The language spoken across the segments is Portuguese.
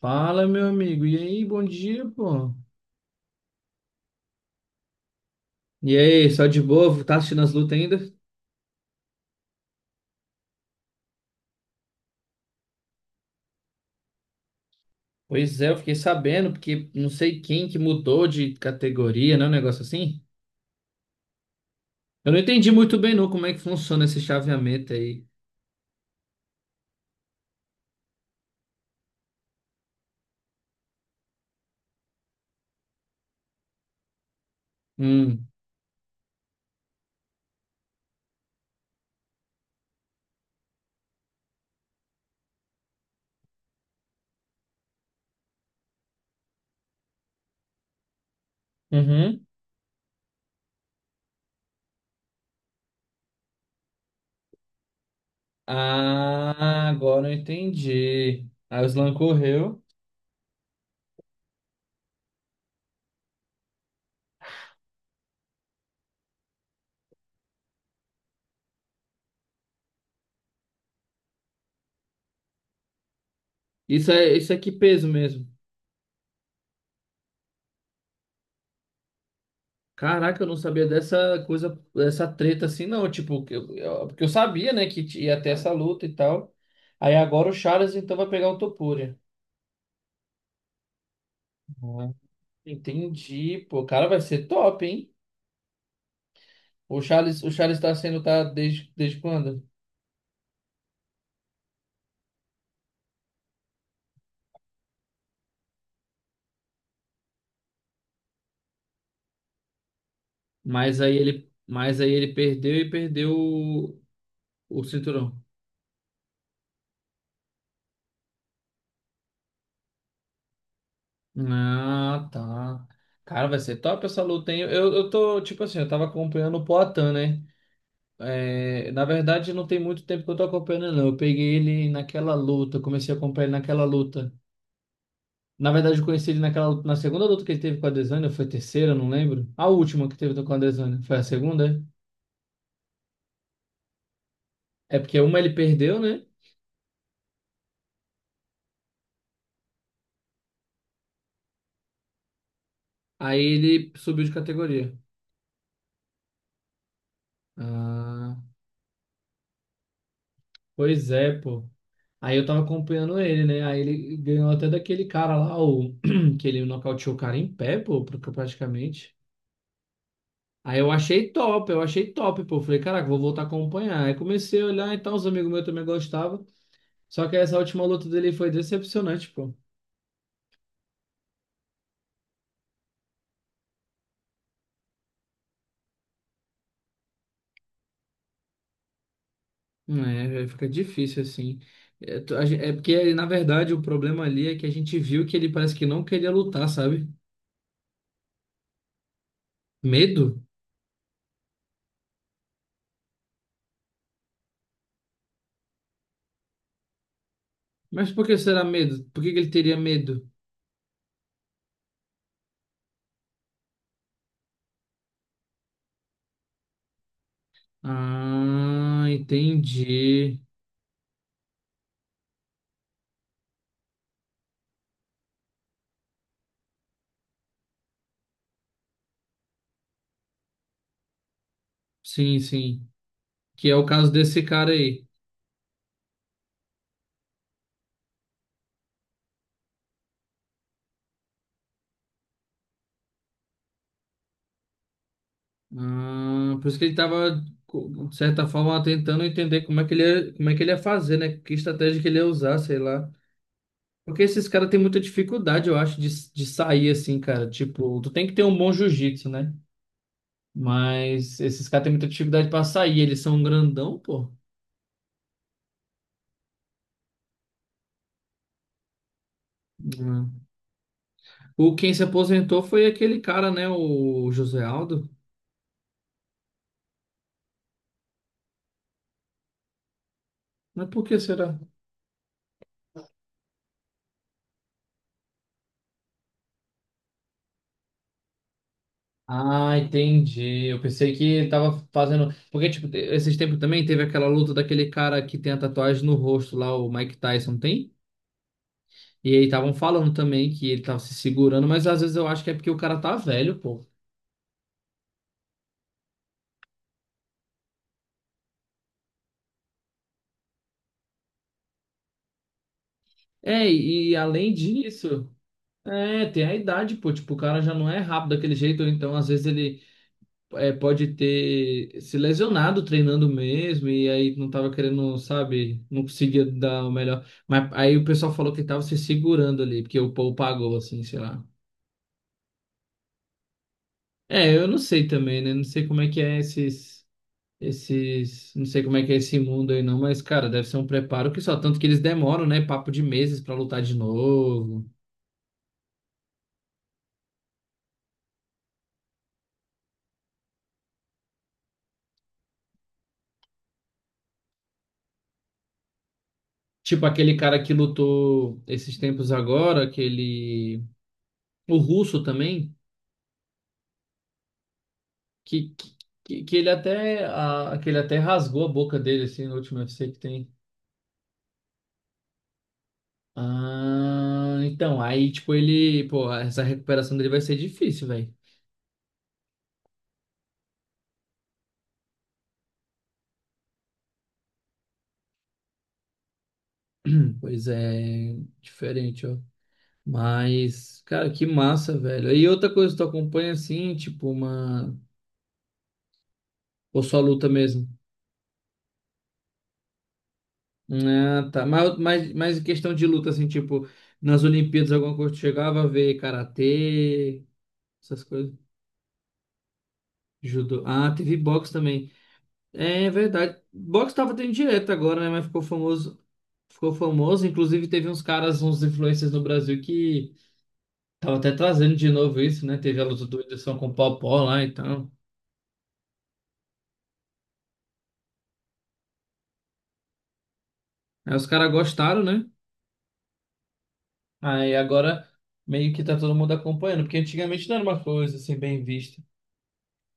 Fala, meu amigo. E aí, bom dia, pô. E aí, só de boa? Tá assistindo as lutas ainda? Pois é, eu fiquei sabendo, porque não sei quem que mudou de categoria, né? Um negócio assim. Eu não entendi muito bem, não, como é que funciona esse chaveamento aí. Hum. Uhum. Ah, agora eu entendi. A Aslan correu. Isso é que peso mesmo? Caraca, eu não sabia dessa coisa, dessa treta assim, não. Tipo, porque eu sabia, né, que ia ter essa luta e tal. Aí agora o Charles então vai pegar o Topuria. Uhum. Entendi, pô, cara, vai ser top, hein? O Charles tá desde, desde quando? Mas aí ele perdeu e perdeu o cinturão. Ah, tá. Cara, vai ser top essa luta, hein? Eu tô, tipo assim, eu tava acompanhando o Poatan, né? É, na verdade, não tem muito tempo que eu tô acompanhando, não. Eu peguei ele naquela luta, comecei a acompanhar ele naquela luta. Na verdade, eu conheci ele naquela, na segunda luta que ele teve com a Adesanya, ou foi a terceira, eu não lembro. A última que teve com a Adesanya, foi a segunda? É porque uma ele perdeu, né? Aí ele subiu de categoria. Ah, pois é, pô. Aí eu tava acompanhando ele, né? Aí ele ganhou até daquele cara lá, o que ele nocauteou o cara em pé, pô, praticamente. Aí eu achei top, pô. Falei, caraca, vou voltar a acompanhar. Aí comecei a olhar, então os amigos meus também gostavam. Só que essa última luta dele foi decepcionante, pô. É, fica difícil assim. É, é porque, na verdade, o problema ali é que a gente viu que ele parece que não queria lutar, sabe? Medo? Mas por que será medo? Por que que ele teria medo? Ah, entendi. Sim, sim. Que é o caso desse cara aí. Ah, por isso que ele estava, de certa forma, tentando entender como é que ele ia, como é que ele ia fazer, né? Que estratégia que ele ia usar, sei lá. Porque esses caras têm muita dificuldade, eu acho, de sair assim, cara. Tipo, tu tem que ter um bom jiu-jitsu, né? Mas esses caras têm muita dificuldade pra sair. Eles são um grandão, pô. Hum. O quem se aposentou foi aquele cara, né? O José Aldo. Mas por que será? Ah, entendi. Eu pensei que ele tava fazendo. Porque, tipo, esses tempos também teve aquela luta daquele cara que tem a tatuagem no rosto lá, o Mike Tyson tem. E aí estavam falando também que ele tava se segurando, mas às vezes eu acho que é porque o cara tá velho, pô. É, e além disso, é, tem a idade, pô. Tipo, o cara já não é rápido daquele jeito, ou então às vezes ele. É, pode ter se lesionado treinando mesmo e aí não tava querendo, sabe, não conseguia dar o melhor. Mas aí o pessoal falou que tava se segurando ali, porque o povo pagou, assim, sei lá. É, eu não sei também, né? Não sei como é que é esses, esses, não sei como é que é esse mundo aí não, mas, cara, deve ser um preparo que só tanto que eles demoram, né? Papo de meses pra lutar de novo. Tipo aquele cara que lutou esses tempos agora, aquele, o russo também. Que, que ele até, ah, que ele até rasgou a boca dele, assim, no último UFC que tem. Ah, então, aí, tipo, ele, pô, essa recuperação dele vai ser difícil, velho. Pois é, diferente, ó. Mas, cara, que massa, velho. E outra coisa, tu acompanha assim, tipo, uma. Ou só luta mesmo? Ah, tá. Mas em questão de luta, assim, tipo, nas Olimpíadas, alguma coisa tu chegava a ver karatê, essas coisas. Judô. Ah, teve boxe também. É verdade. Box tava tendo direto agora, né? Mas ficou famoso. Ficou famoso. Inclusive, teve uns caras, uns influencers no Brasil que tava até trazendo de novo isso, né? Teve a luta do Whindersson com o Paw-Paw lá, então. Aí os caras gostaram, né? Aí agora meio que tá todo mundo acompanhando, porque antigamente não era uma coisa assim bem vista.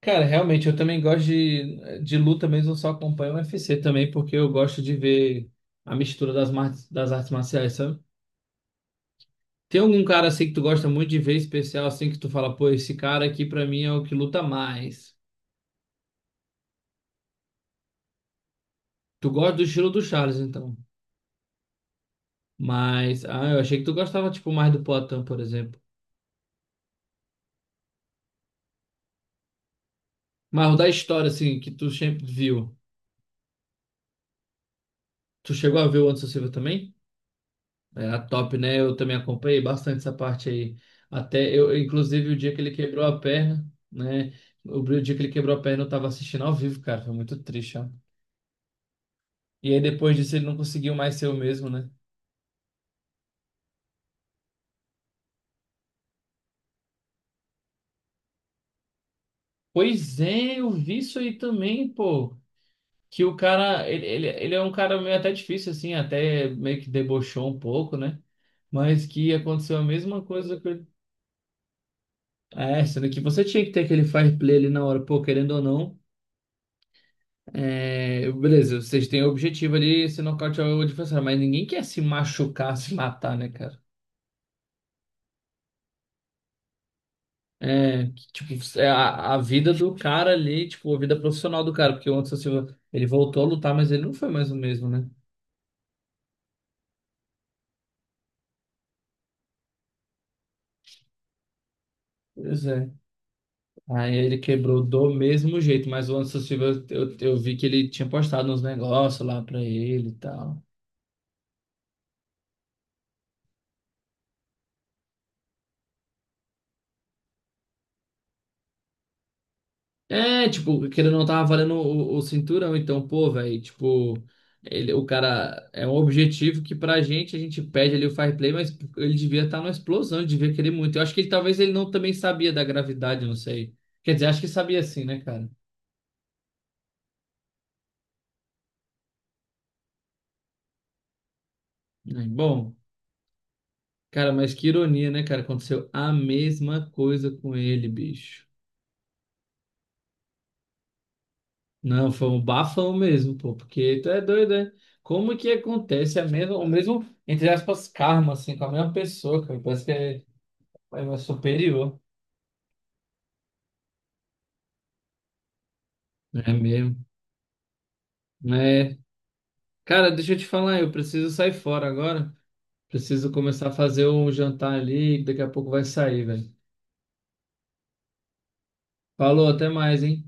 Cara, realmente, eu também gosto de luta mesmo, eu só acompanho o UFC também, porque eu gosto de ver a mistura das, das artes marciais, sabe? Tem algum cara assim que tu gosta muito de ver especial, assim que tu fala, pô, esse cara aqui pra mim é o que luta mais. Tu gosta do estilo do Charles, então. Mas, ah, eu achei que tu gostava, tipo, mais do Poatan, por exemplo. Mas o da história, assim, que tu sempre viu. Tu chegou a ver o Anderson Silva também? Era top, né? Eu também acompanhei bastante essa parte aí. Até eu, inclusive, o dia que ele quebrou a perna, né? O dia que ele quebrou a perna, eu tava assistindo ao vivo, cara. Foi muito triste, ó. E aí depois disso ele não conseguiu mais ser o mesmo, né? Pois é, eu vi isso aí também, pô. Que o cara, ele é um cara meio até difícil, assim, até meio que debochou um pouco, né? Mas que aconteceu a mesma coisa que. É, sendo que você tinha que ter aquele fire play ali na hora, pô, querendo ou não. É, beleza, vocês têm o objetivo ali, se nocautear o adversário, mas ninguém quer se machucar, se matar, né, cara? É, que, tipo, é a vida do cara ali, tipo, a vida profissional do cara, porque o Anderson Silva, ele voltou a lutar, mas ele não foi mais o mesmo, né? Pois é. Aí ele quebrou do mesmo jeito, mas o Anderson Silva, eu vi que ele tinha postado uns negócios lá pra ele e tal. É, tipo, que ele não tava valendo o cinturão, então, pô, velho, tipo, ele, o cara é um objetivo que pra gente, a gente pede ali o fair play, mas ele devia estar numa explosão, ele devia querer muito. Eu acho que ele talvez ele não também sabia da gravidade, eu não sei. Quer dizer, acho que sabia sim, né, cara? É, bom, cara, mas que ironia, né, cara? Aconteceu a mesma coisa com ele, bicho. Não, foi um bafão mesmo, pô, porque tu é doido, né? Como que acontece a mesma, o mesmo, entre aspas, karma, assim, com a mesma pessoa, cara? Parece que é, é superior. É mesmo. É. Cara, deixa eu te falar, eu preciso sair fora agora. Preciso começar a fazer o jantar ali, que daqui a pouco vai sair, velho. Falou, até mais, hein?